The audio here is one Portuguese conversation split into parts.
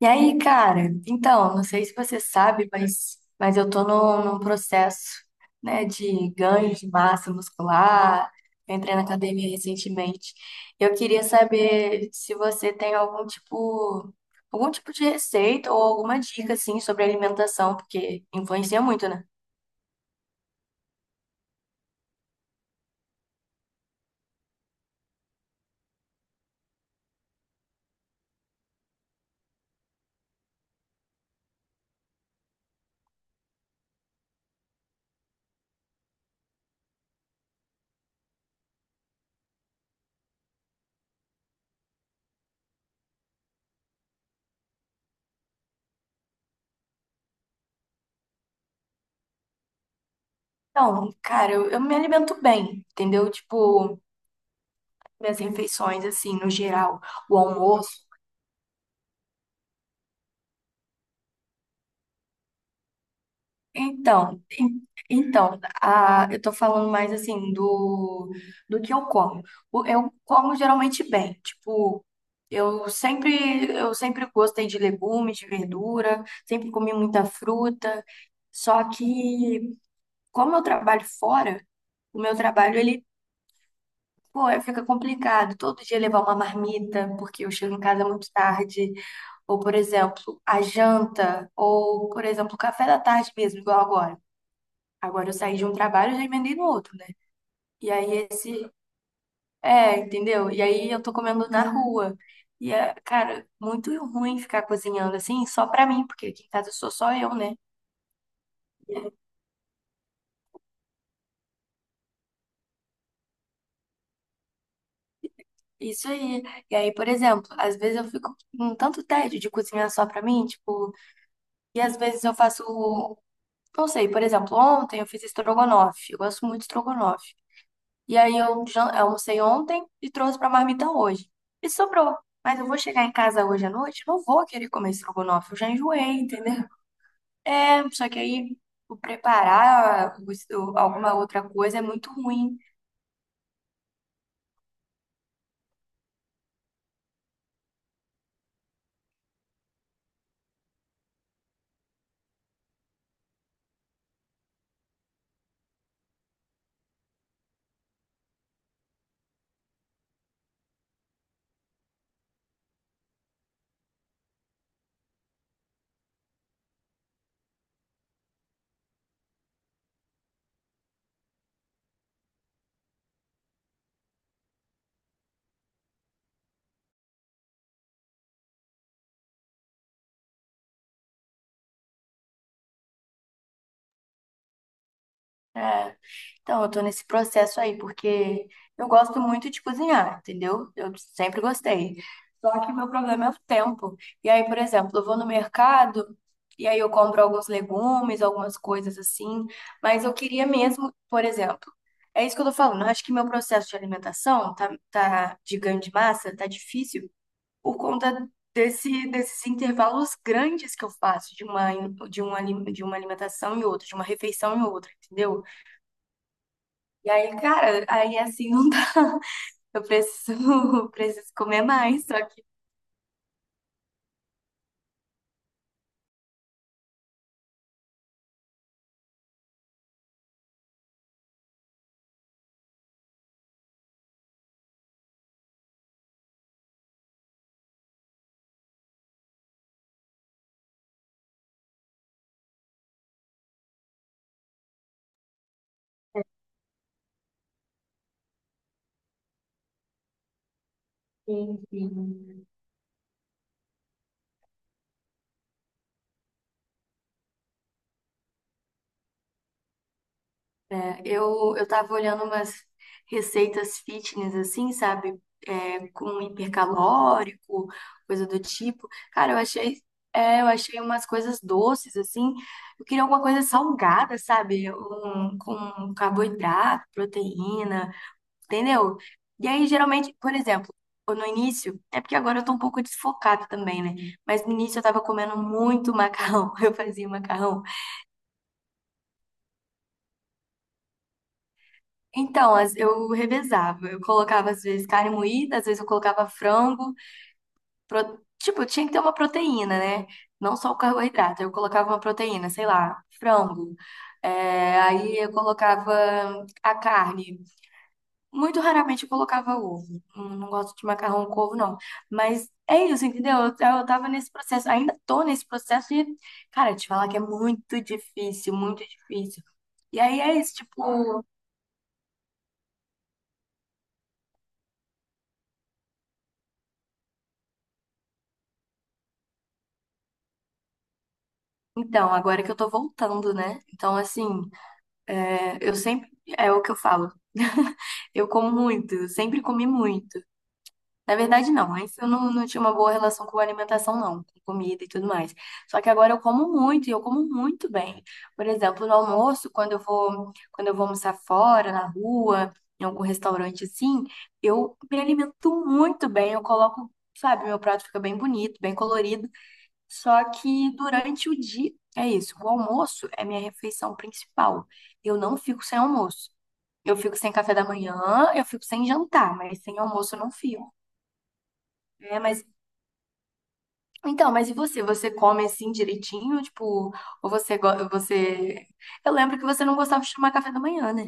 E aí, cara? Então, não sei se você sabe, mas eu tô num processo, né, de ganho de massa muscular. Eu entrei na academia recentemente. Eu queria saber se você tem algum tipo de receita ou alguma dica, assim, sobre alimentação, porque influencia muito, né? Então, cara, eu me alimento bem, entendeu? Tipo, minhas refeições, assim, no geral, o almoço. Então, en- eu tô falando mais assim do, do que eu como. Eu como geralmente bem, tipo, eu sempre gostei de legumes, de verdura, sempre comi muita fruta. Só que como eu trabalho fora, o meu trabalho ele, pô, fica complicado. Todo dia levar uma marmita, porque eu chego em casa muito tarde, ou por exemplo, a janta, ou por exemplo, o café da tarde mesmo, igual agora. Agora eu saí de um trabalho e já emendei no outro, né? E aí esse. É, entendeu? E aí eu tô comendo na rua. E é, cara, muito ruim ficar cozinhando assim, só pra mim, porque aqui em casa sou só eu, né? Isso aí. E aí, por exemplo, às vezes eu fico com tanto tédio de cozinhar só pra mim, tipo, e às vezes eu faço, não sei, por exemplo, ontem eu fiz estrogonofe. Eu gosto muito de estrogonofe. E aí eu almocei ontem e trouxe pra marmita hoje. E sobrou. Mas eu vou chegar em casa hoje à noite, não vou querer comer estrogonofe, eu já enjoei, entendeu? É, só que aí o preparar alguma outra coisa é muito ruim. Né? Então, eu tô nesse processo aí, porque eu gosto muito de cozinhar, entendeu? Eu sempre gostei. Só que meu problema é o tempo. E aí, por exemplo, eu vou no mercado e aí eu compro alguns legumes, algumas coisas assim, mas eu queria mesmo, por exemplo, é isso que eu tô falando. Eu acho que meu processo de alimentação tá de ganho de massa, tá difícil por conta desses intervalos grandes que eu faço de uma, de uma alimentação e outra, de uma refeição e outra, entendeu? E aí, cara, aí assim não dá. Eu preciso, preciso comer mais, só que. Enfim. É, eu tava olhando umas receitas fitness, assim, sabe? É, com hipercalórico, coisa do tipo. Cara, eu achei umas coisas doces, assim. Eu queria alguma coisa salgada, sabe? Um, com carboidrato, proteína. Entendeu? E aí, geralmente, por exemplo, eu no início, é porque agora eu tô um pouco desfocada também, né? Mas no início eu tava comendo muito macarrão, eu fazia macarrão. Então, eu revezava, eu colocava às vezes carne moída, às vezes eu colocava frango, tipo, tinha que ter uma proteína, né? Não só o carboidrato, eu colocava uma proteína, sei lá, frango. É, aí eu colocava a carne. Muito raramente eu colocava ovo. Não, não gosto de macarrão com ovo, não. Mas é isso, entendeu? Eu tava nesse processo, ainda tô nesse processo de, cara, te falar que é muito difícil, muito difícil. E aí é isso, tipo, então, agora que eu tô voltando, né? Então, assim, é, eu sempre, é o que eu falo, eu como muito, eu sempre comi muito. Na verdade, não. Antes eu não tinha uma boa relação com alimentação, não, com comida e tudo mais. Só que agora eu como muito e eu como muito bem. Por exemplo, no almoço, quando eu vou almoçar fora, na rua, em algum restaurante assim, eu me alimento muito bem. Eu coloco, sabe, meu prato fica bem bonito, bem colorido. Só que durante o dia, é isso. O almoço é minha refeição principal. Eu não fico sem almoço. Eu fico sem café da manhã, eu fico sem jantar, mas sem almoço eu não fico. É, mas então, mas e você? Você come assim direitinho? Tipo, ou você, você... Eu lembro que você não gostava de tomar café da manhã, né?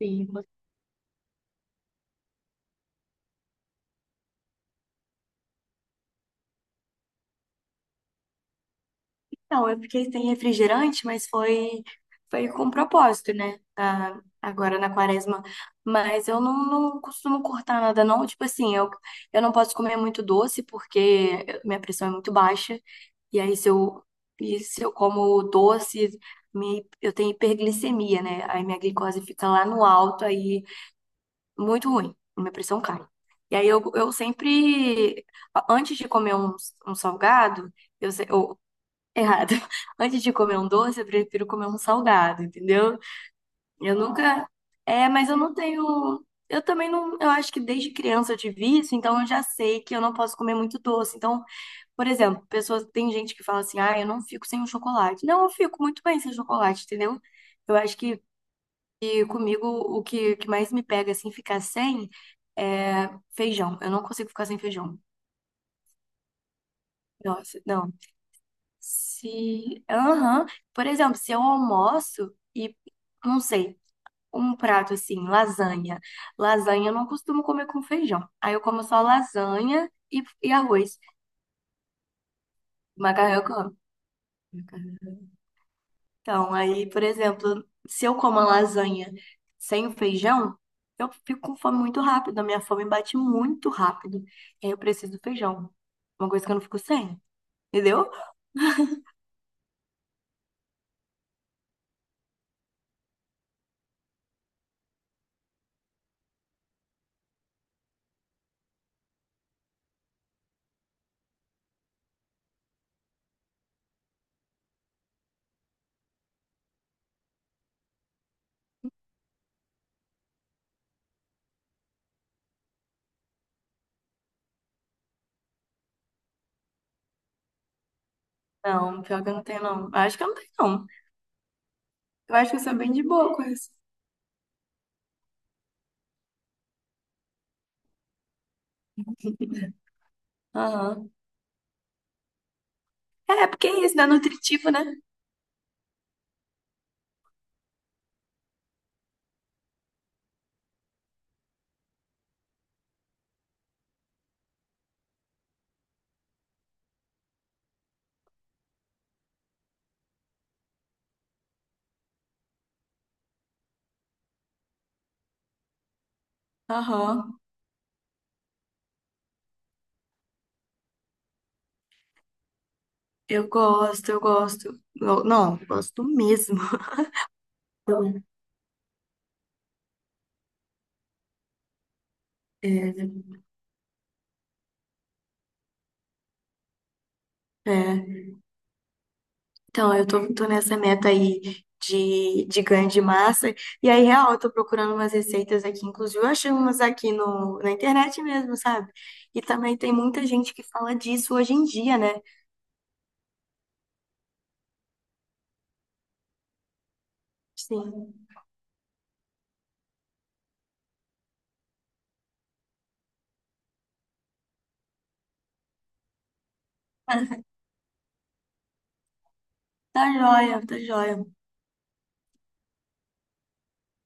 Sim. Não, é porque tem refrigerante, foi com propósito, né? Ah, agora na quaresma. Mas eu não, não costumo cortar nada, não. Tipo assim, eu não posso comer muito doce porque minha pressão é muito baixa. E aí, se eu, e se eu como doce, eu tenho hiperglicemia, né? Aí minha glicose fica lá no alto, aí muito ruim, minha pressão cai. E aí eu sempre, antes de comer um salgado, eu, se- ou, errado, antes de comer um doce, eu prefiro comer um salgado, entendeu? Eu nunca, é, mas eu não tenho, eu também não, eu acho que desde criança eu tive isso, então eu já sei que eu não posso comer muito doce. Então, por exemplo, pessoas, tem gente que fala assim, ah, eu não fico sem um chocolate. Não, eu fico muito bem sem chocolate, entendeu? Eu acho que e comigo, o que mais me pega, assim, ficar sem é feijão. Eu não consigo ficar sem feijão. Nossa, não. Se. Aham. Por exemplo, se eu almoço e, não sei, um prato assim, lasanha. Lasanha eu não costumo comer com feijão. Aí eu como só lasanha e arroz. Macarrão eu como. Então, aí, por exemplo, se eu como a lasanha sem o feijão, eu fico com fome muito rápido, a minha fome bate muito rápido. E aí eu preciso do feijão. Uma coisa que eu não fico sem, entendeu? Não, pior que eu não tenho, não. Eu acho que eu não tenho, não. Eu acho que eu sou bem de boa com isso. Aham. É, é porque é isso dá nutritivo, né? Aham. Eu gosto. Não, eu gosto mesmo. É, é. Então, tô nessa meta aí de ganho de massa. E aí, real, eu tô procurando umas receitas aqui. Inclusive, eu achei umas aqui no, na internet mesmo, sabe? E também tem muita gente que fala disso hoje em dia, né? Sim. Mas tá jóia, tá jóia.